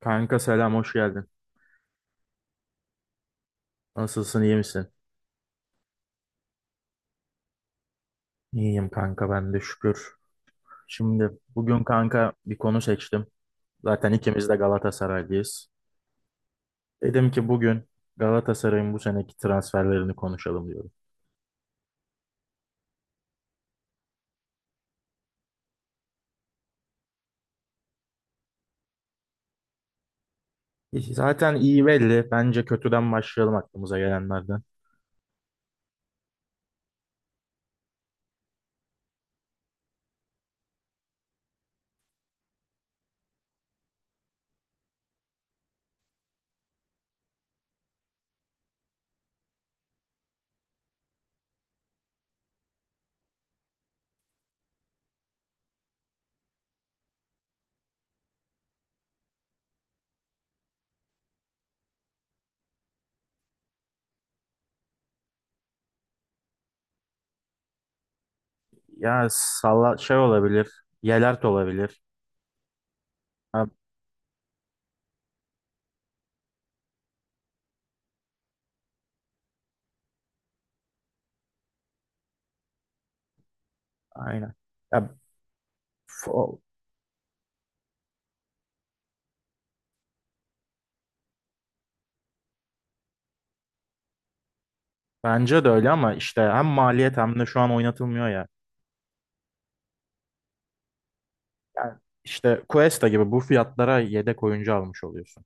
Kanka selam hoş geldin. Nasılsın iyi misin? İyiyim kanka ben de şükür. Şimdi bugün kanka bir konu seçtim. Zaten ikimiz de Galatasaraylıyız. Dedim ki bugün Galatasaray'ın bu seneki transferlerini konuşalım diyorum. Zaten iyi belli. Bence kötüden başlayalım aklımıza gelenlerden. Ya salla şey olabilir. Yelert olabilir. Ha, aynen. Ya, f- o- bence de öyle ama işte hem maliyet hem de şu an oynatılmıyor ya. Yani işte Cuesta gibi bu fiyatlara yedek oyuncu almış oluyorsun.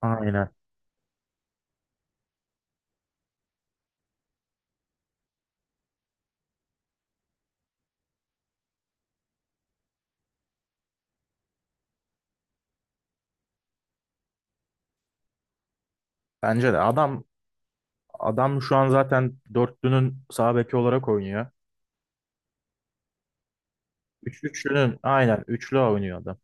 Aynen. Bence de adam şu an zaten dörtlünün sağ beki olarak oynuyor. Üçlünün aynen üçlü oynuyor adam.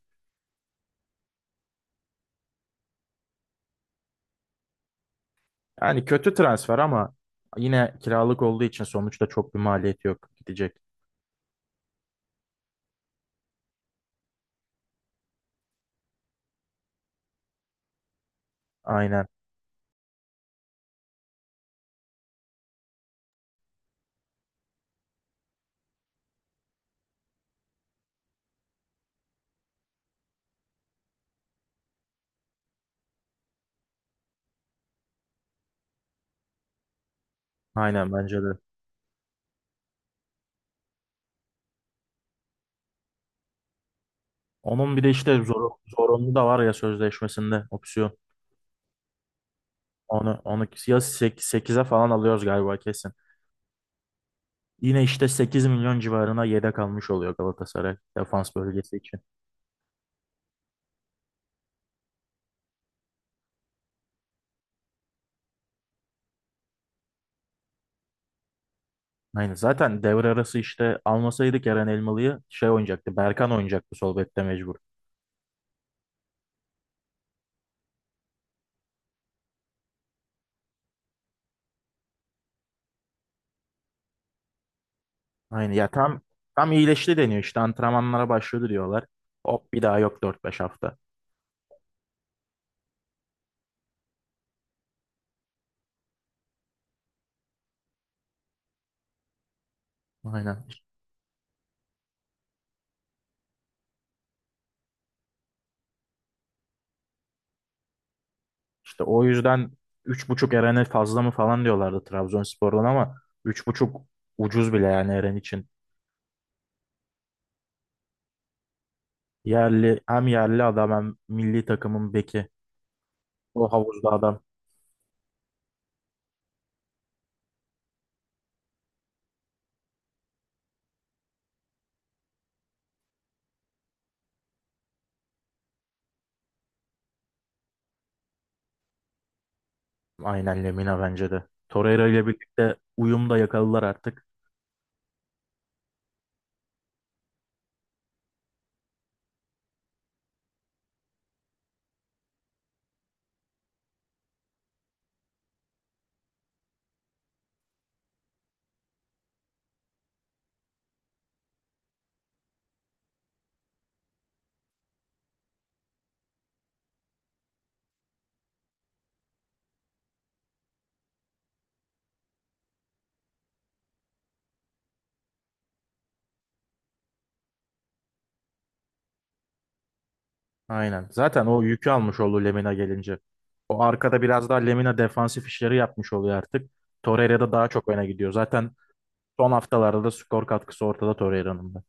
Yani kötü transfer ama yine kiralık olduğu için sonuçta çok bir maliyeti yok gidecek. Aynen. Aynen bence de. Onun bir de işte zor, zorunlu da var ya sözleşmesinde opsiyon. Onu ya sekize falan alıyoruz galiba kesin. Yine işte 8 milyon civarına yedek almış oluyor Galatasaray defans bölgesi için. Aynen zaten devre arası işte almasaydık Eren Elmalı'yı şey oynayacaktı. Berkan oynayacaktı sol bekte mecbur. Aynen ya tam iyileşti deniyor. İşte antrenmanlara başladı diyorlar. Hop bir daha yok dört beş hafta. Aynen. İşte o yüzden 3,5 Eren'e fazla mı falan diyorlardı Trabzonspor'dan ama 3,5 ucuz bile yani Eren için. Yerli hem yerli adam hem milli takımın beki. O havuzda adam. Aynen Lemina bence de. Torreira ile birlikte uyum da yakaladılar artık. Aynen. Zaten o yükü almış oldu Lemina gelince. O arkada biraz daha Lemina defansif işleri yapmış oluyor artık. Torreira da daha çok öne gidiyor. Zaten son haftalarda da skor katkısı ortada Torreira'nın da.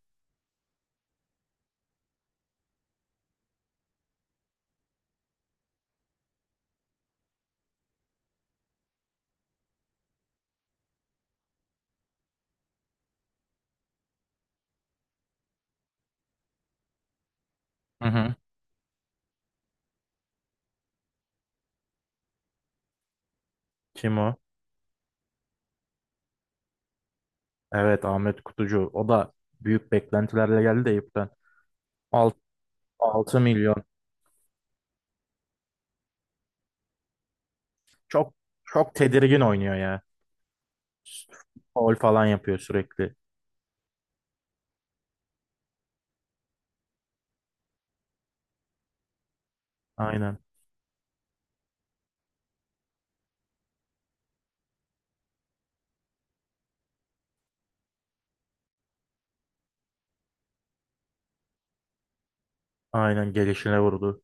Hı hı. Kim o? Evet, Ahmet Kutucu. O da büyük beklentilerle geldi de Eyüp'ten. 6 milyon. Çok çok tedirgin oynuyor ya. Faul falan yapıyor sürekli. Aynen. Aynen, gelişine vurdu.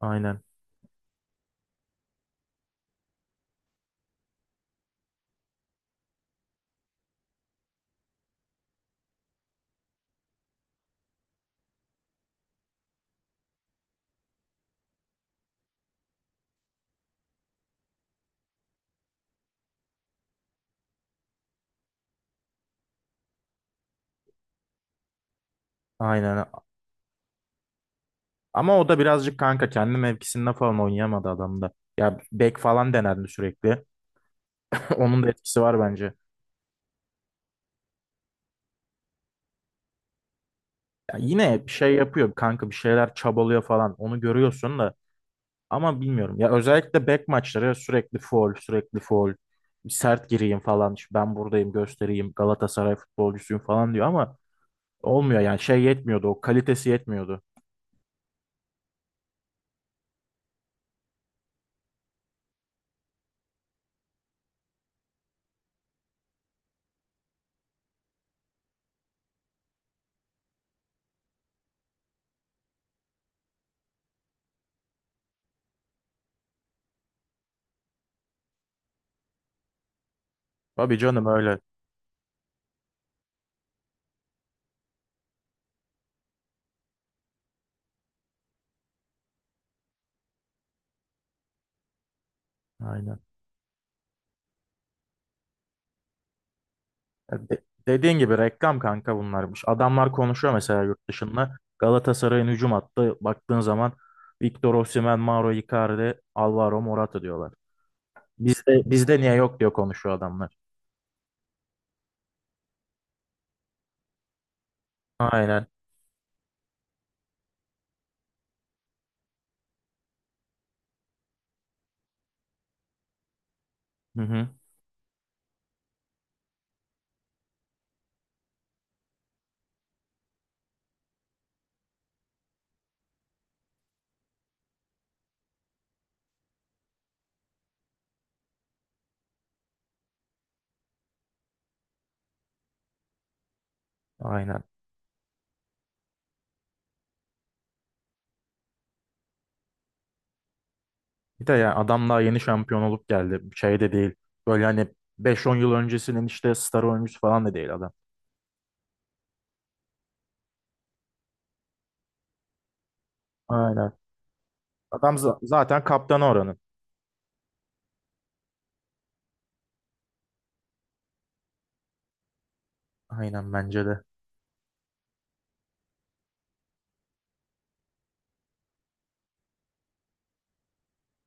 Aynen. Aynen. Ama o da birazcık kanka kendi mevkisinde falan oynayamadı adamda. Ya bek falan denendi sürekli. Onun da etkisi var bence. Ya yine bir şey yapıyor kanka, bir şeyler çabalıyor falan. Onu görüyorsun da ama bilmiyorum. Ya özellikle bek maçları sürekli faul, sürekli faul. Sert gireyim falan. İşte ben buradayım, göstereyim. Galatasaray futbolcusuyum falan diyor ama olmuyor yani şey yetmiyordu. O kalitesi yetmiyordu. Tabii canım, öyle. Aynen. Ya dediğin gibi reklam kanka bunlarmış. Adamlar konuşuyor mesela yurt dışında. Galatasaray'ın hücum hattı baktığın zaman Victor Osimhen, Mauro Icardi, Alvaro Morata diyorlar. Bizde niye yok diyor konuşuyor adamlar. Aynen. Hı hı. Aynen. Bir de yani adam daha yeni şampiyon olup geldi. Şey de değil. Böyle hani beş on yıl öncesinin işte star oyuncusu falan da değil adam. Aynen. Adam zaten kaptanı oranın. Aynen bence de.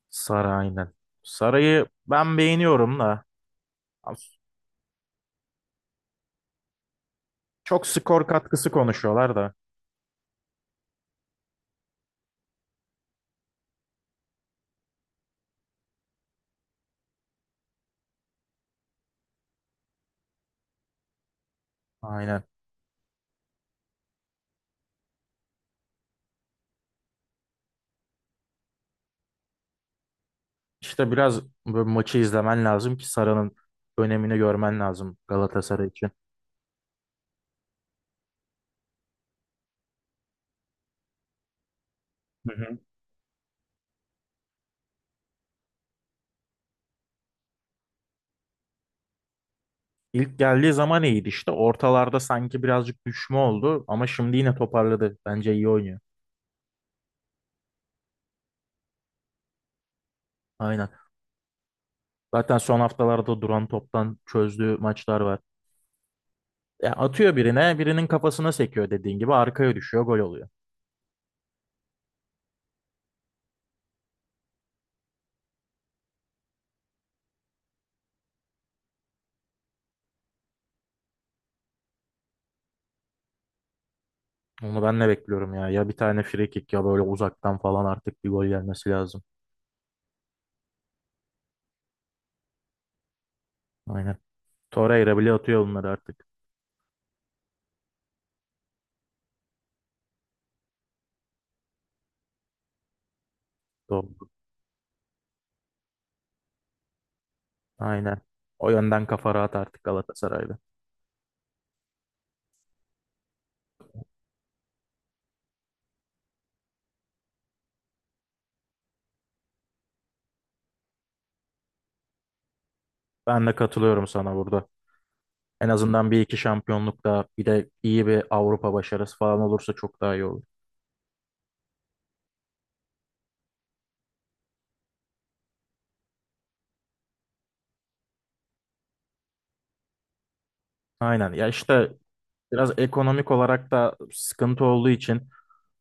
Sara aynen. Saray'ı ben beğeniyorum da. Çok skor katkısı konuşuyorlar da. Aynen. İşte biraz bu maçı izlemen lazım ki Sara'nın önemini görmen lazım Galatasaray için. Hı hı. İlk geldiği zaman iyiydi işte. Ortalarda sanki birazcık düşme oldu ama şimdi yine toparladı. Bence iyi oynuyor. Aynen. Zaten son haftalarda duran toptan çözdüğü maçlar var. Ya atıyor birine, birinin kafasına sekiyor, dediğin gibi arkaya düşüyor, gol oluyor. Onu ben de bekliyorum ya. Ya bir tane free kick ya böyle uzaktan falan artık bir gol gelmesi lazım. Aynen. Torreira bile atıyor bunları artık. Doğru. Aynen. O yönden kafa rahat artık Galatasaray'da. Ben de katılıyorum sana burada. En azından bir iki şampiyonluk daha, bir de iyi bir Avrupa başarısı falan olursa çok daha iyi olur. Aynen. Ya işte biraz ekonomik olarak da sıkıntı olduğu için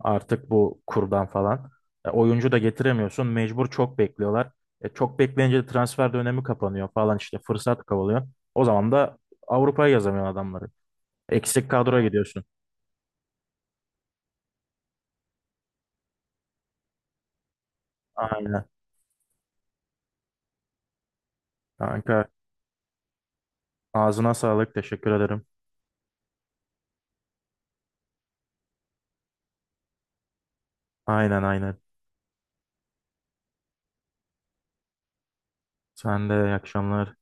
artık bu kurdan falan oyuncu da getiremiyorsun. Mecbur çok bekliyorlar. Çok bekleyince de transfer dönemi kapanıyor falan işte fırsat kovalıyor. O zaman da Avrupa'ya yazamıyor adamları. Eksik kadroya gidiyorsun. Aynen. Kanka, ağzına sağlık. Teşekkür ederim. Aynen, aynen. Sen de iyi akşamlar.